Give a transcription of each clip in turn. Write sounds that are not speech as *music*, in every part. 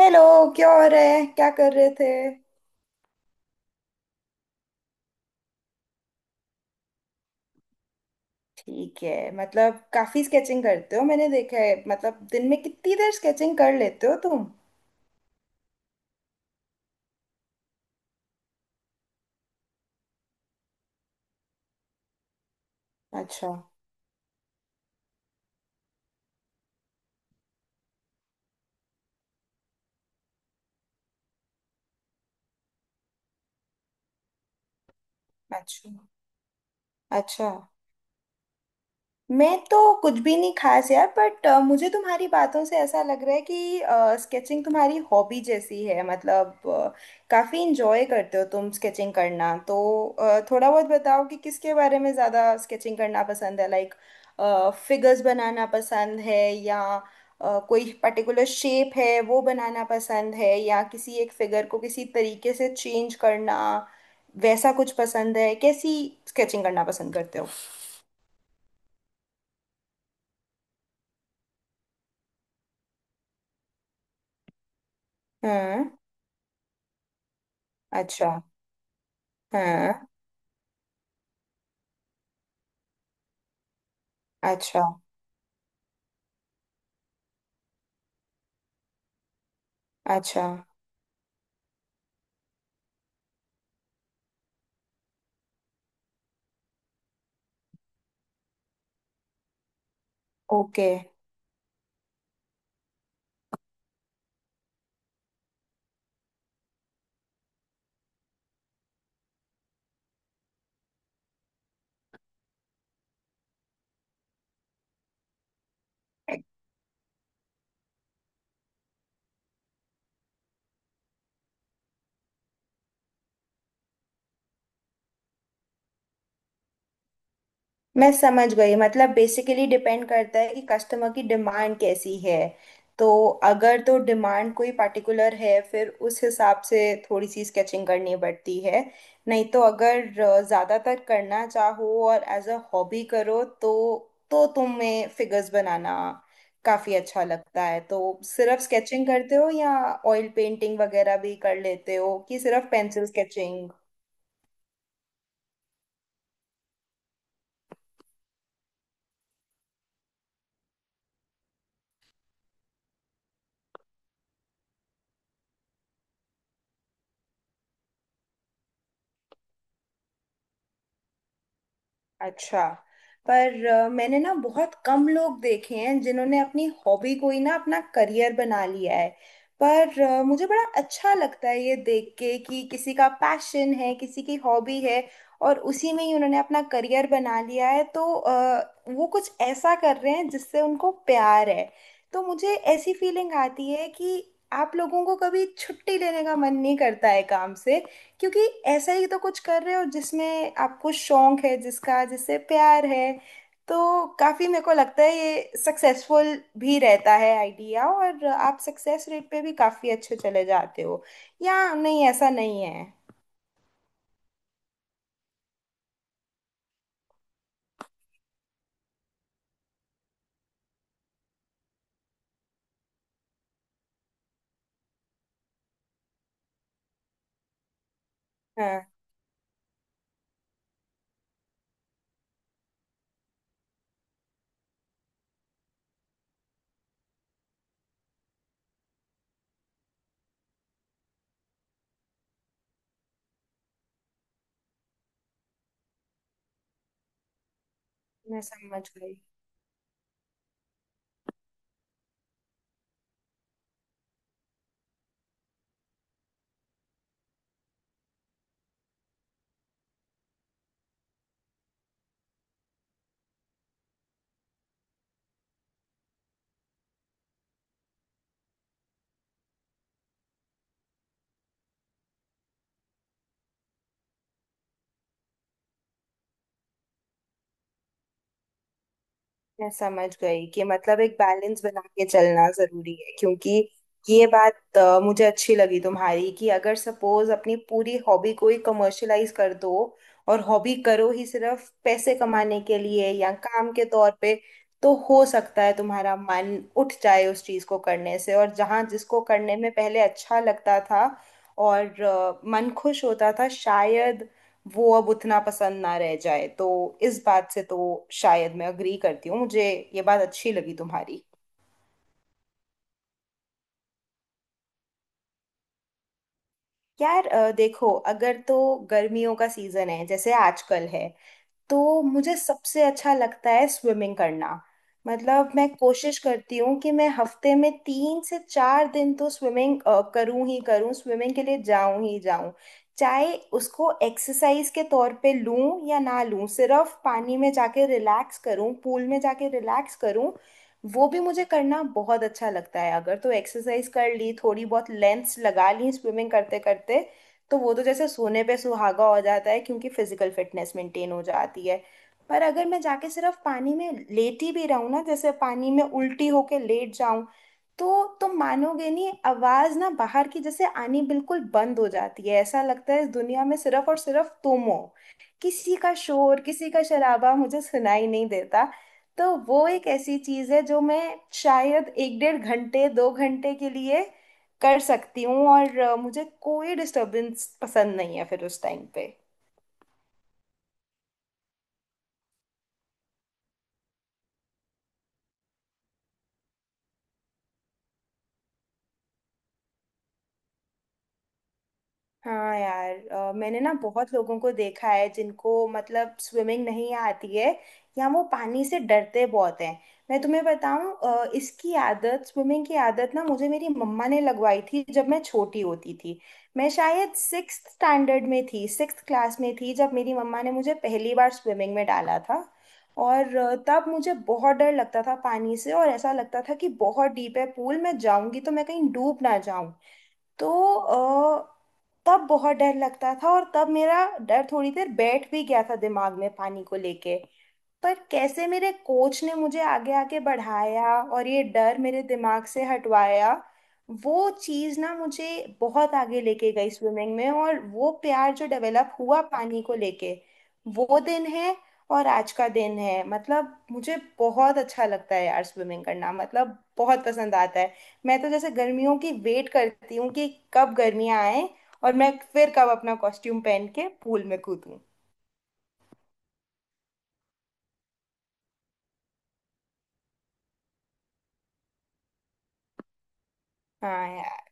Hello. क्या हो रहा है? क्या कर रहे थे? ठीक है। मतलब काफी स्केचिंग करते हो, मैंने देखा है। मतलब दिन में कितनी देर स्केचिंग कर लेते हो तुम? अच्छा। अच्छा। अच्छा, मैं तो कुछ भी नहीं खास यार, बट मुझे तुम्हारी बातों से ऐसा लग रहा है कि स्केचिंग तुम्हारी हॉबी जैसी है। मतलब काफी इंजॉय करते हो तुम स्केचिंग करना, तो थोड़ा बहुत बताओ कि किसके बारे में ज्यादा स्केचिंग करना पसंद है। लाइक फिगर्स बनाना पसंद है, या कोई पर्टिकुलर शेप है वो बनाना पसंद है, या किसी एक फिगर को किसी तरीके से चेंज करना वैसा कुछ पसंद है? कैसी स्केचिंग करना पसंद करते हो? हम्म। अच्छा। हाँ। अच्छा। अच्छा। ओके, मैं समझ गई। मतलब बेसिकली डिपेंड करता है कि कस्टमर की डिमांड कैसी है। तो अगर तो डिमांड कोई पार्टिकुलर है, फिर उस हिसाब से थोड़ी सी स्केचिंग करनी पड़ती है। नहीं तो अगर ज़्यादातर करना चाहो और एज अ हॉबी करो तो तुम्हें फिगर्स बनाना काफ़ी अच्छा लगता है, तो सिर्फ स्केचिंग करते हो या ऑयल पेंटिंग वगैरह भी कर लेते हो कि सिर्फ पेंसिल स्केचिंग? अच्छा। पर मैंने ना बहुत कम लोग देखे हैं जिन्होंने अपनी हॉबी को ही ना अपना करियर बना लिया है। पर मुझे बड़ा अच्छा लगता है ये देख के कि किसी का पैशन है, किसी की हॉबी है और उसी में ही उन्होंने अपना करियर बना लिया है, तो वो कुछ ऐसा कर रहे हैं जिससे उनको प्यार है। तो मुझे ऐसी फीलिंग आती है कि आप लोगों को कभी छुट्टी लेने का मन नहीं करता है काम से, क्योंकि ऐसा ही तो कुछ कर रहे हो जिसमें आपको शौक है, जिसका जिससे प्यार है। तो काफी मेरे को लगता है ये सक्सेसफुल भी रहता है आइडिया, और आप सक्सेस रेट पे भी काफी अच्छे चले जाते हो, या नहीं, ऐसा नहीं है? हाँ। मैं समझ गई। मैं समझ गई कि मतलब एक बैलेंस बना के चलना जरूरी है, क्योंकि ये बात मुझे अच्छी लगी तुम्हारी कि अगर सपोज अपनी पूरी हॉबी को ही कमर्शलाइज कर दो और हॉबी करो ही सिर्फ पैसे कमाने के लिए या काम के तौर पे, तो हो सकता है तुम्हारा मन उठ जाए उस चीज को करने से, और जहां जिसको करने में पहले अच्छा लगता था और मन खुश होता था, शायद वो अब उतना पसंद ना रह जाए। तो इस बात से तो शायद मैं अग्री करती हूँ। मुझे ये बात अच्छी लगी तुम्हारी। यार देखो, अगर तो गर्मियों का सीजन है जैसे आजकल है, तो मुझे सबसे अच्छा लगता है स्विमिंग करना। मतलब मैं कोशिश करती हूँ कि मैं हफ्ते में तीन से चार दिन तो स्विमिंग करूँ ही करूँ, स्विमिंग के लिए जाऊँ ही जाऊँ। चाहे उसको एक्सरसाइज के तौर पे लूँ या ना लूँ, सिर्फ पानी में जाके रिलैक्स करूँ, पूल में जाके रिलैक्स करूँ, वो भी मुझे करना बहुत अच्छा लगता है। अगर तो एक्सरसाइज कर ली, थोड़ी बहुत लेंथ्स लगा ली स्विमिंग करते करते, तो वो तो जैसे सोने पे सुहागा हो जाता है, क्योंकि फिजिकल फिटनेस मेंटेन हो जाती है। पर अगर मैं जाके सिर्फ पानी में लेटी भी रहूँ ना, जैसे पानी में उल्टी होके लेट जाऊं, तो तुम मानोगे नहीं, आवाज ना बाहर की जैसे आनी बिल्कुल बंद हो जाती है। ऐसा लगता है इस दुनिया में सिर्फ और सिर्फ तुम हो, किसी का शोर, किसी का शराबा मुझे सुनाई नहीं देता। तो वो एक ऐसी चीज है जो मैं शायद एक डेढ़ घंटे दो घंटे के लिए कर सकती हूँ, और मुझे कोई डिस्टरबेंस पसंद नहीं है फिर उस टाइम पे। हाँ यार, मैंने ना बहुत लोगों को देखा है जिनको मतलब स्विमिंग नहीं आती है या वो पानी से डरते बहुत हैं। मैं तुम्हें बताऊं, इसकी आदत, स्विमिंग की आदत ना मुझे मेरी मम्मा ने लगवाई थी जब मैं छोटी होती थी। मैं शायद सिक्स्थ स्टैंडर्ड में थी, सिक्स्थ क्लास में थी जब मेरी मम्मा ने मुझे पहली बार स्विमिंग में डाला था। और तब मुझे बहुत डर लगता था पानी से, और ऐसा लगता था कि बहुत डीप है पूल, मैं जाऊंगी तो मैं कहीं डूब ना जाऊं। तो तब बहुत डर लगता था, और तब मेरा डर थोड़ी देर बैठ भी गया था दिमाग में, पानी को लेके। पर कैसे मेरे कोच ने मुझे आगे आगे बढ़ाया और ये डर मेरे दिमाग से हटवाया, वो चीज़ ना मुझे बहुत आगे लेके गई स्विमिंग में। और वो प्यार जो डेवलप हुआ पानी को लेके, वो दिन है और आज का दिन है, मतलब मुझे बहुत अच्छा लगता है यार स्विमिंग करना, मतलब बहुत पसंद आता है। मैं तो जैसे गर्मियों की वेट करती हूँ कि कब गर्मियाँ आए और मैं फिर कब अपना कॉस्ट्यूम पहन के पूल में कूदूं। हाँ यार।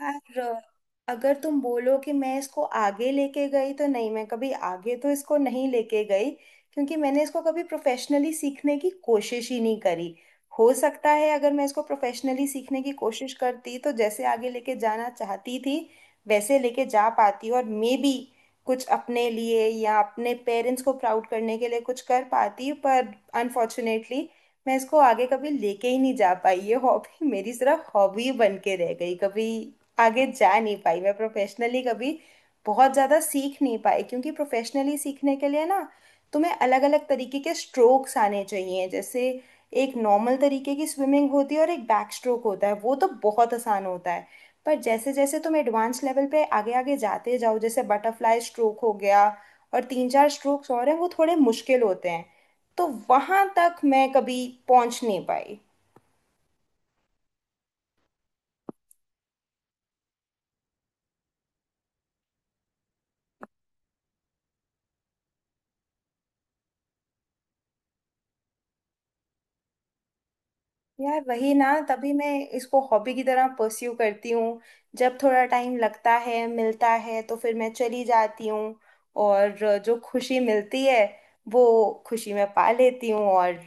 यार, अगर तुम बोलो कि मैं इसको आगे लेके गई तो नहीं, मैं कभी आगे तो इसको नहीं लेके गई, क्योंकि मैंने इसको कभी प्रोफेशनली सीखने की कोशिश ही नहीं करी। हो सकता है अगर मैं इसको प्रोफेशनली सीखने की कोशिश करती तो जैसे आगे लेके जाना चाहती थी वैसे लेके जा पाती, और मे बी कुछ अपने लिए या अपने पेरेंट्स को प्राउड करने के लिए कुछ कर पाती, पर अनफॉर्चुनेटली मैं इसको आगे कभी लेके ही नहीं जा पाई। ये हॉबी *laughs* मेरी सिर्फ हॉबी बन के रह गई, कभी आगे जा नहीं पाई। मैं प्रोफेशनली कभी बहुत ज़्यादा सीख नहीं पाई, क्योंकि प्रोफेशनली सीखने के लिए ना तुम्हें अलग अलग तरीके के स्ट्रोक्स आने चाहिए। जैसे एक नॉर्मल तरीके की स्विमिंग होती है और एक बैक स्ट्रोक होता है, वो तो बहुत आसान होता है। पर जैसे जैसे तुम एडवांस लेवल पे आगे आगे जाते जाओ, जैसे बटरफ्लाई स्ट्रोक हो गया और तीन चार स्ट्रोक्स और हैं, वो थोड़े मुश्किल होते हैं। तो वहां तक मैं कभी पहुंच नहीं पाई। यार वही ना, तभी मैं इसको हॉबी की तरह परस्यू करती हूँ। जब थोड़ा टाइम लगता है मिलता है तो फिर मैं चली जाती हूँ, और जो खुशी मिलती है वो खुशी मैं पा लेती हूँ। और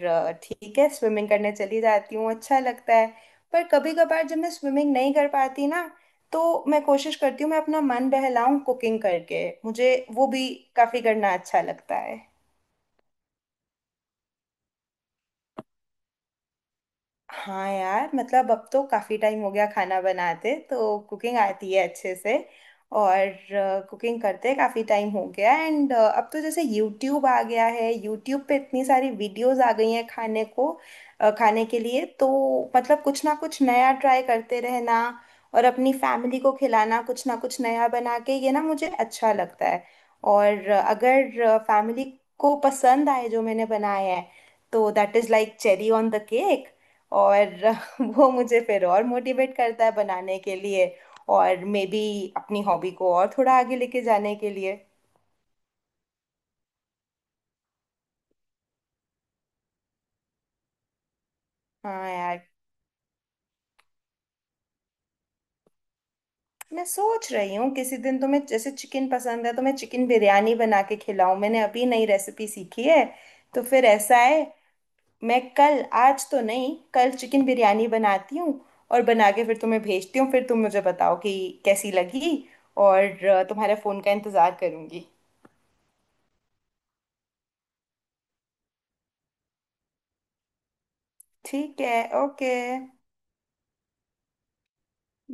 ठीक है, स्विमिंग करने चली जाती हूँ, अच्छा लगता है। पर कभी कभार जब मैं स्विमिंग नहीं कर पाती ना, तो मैं कोशिश करती हूँ मैं अपना मन बहलाऊं कुकिंग करके, मुझे वो भी काफ़ी करना अच्छा लगता है। हाँ यार, मतलब अब तो काफी टाइम हो गया खाना बनाते, तो कुकिंग आती है अच्छे से। और कुकिंग करते काफी टाइम हो गया, एंड अब तो जैसे यूट्यूब आ गया है, यूट्यूब पे इतनी सारी वीडियोस आ गई हैं खाने को, खाने के लिए, तो मतलब कुछ ना कुछ नया ट्राई करते रहना, और अपनी फैमिली को खिलाना कुछ ना कुछ नया बना के, ये ना मुझे अच्छा लगता है। और अगर फैमिली को पसंद आए जो मैंने बनाया है, तो that is like cherry on the cake. और *laughs* वो मुझे फिर और मोटिवेट करता है बनाने के लिए, और मे बी अपनी हॉबी को और थोड़ा आगे लेके जाने के लिए। हाँ यार। मैं सोच रही हूँ किसी दिन तुम्हें, जैसे चिकन पसंद है, तो मैं चिकन बिरयानी बना के खिलाऊं, मैंने अभी नई रेसिपी सीखी है। तो फिर ऐसा है, मैं कल, आज तो नहीं, कल चिकन बिरयानी बनाती हूँ, और बना के फिर तुम्हें भेजती हूँ। फिर तुम मुझे बताओ कि कैसी लगी। और तुम्हारे फ़ोन का इंतज़ार करूँगी। ठीक है। ओके।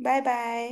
Bye bye.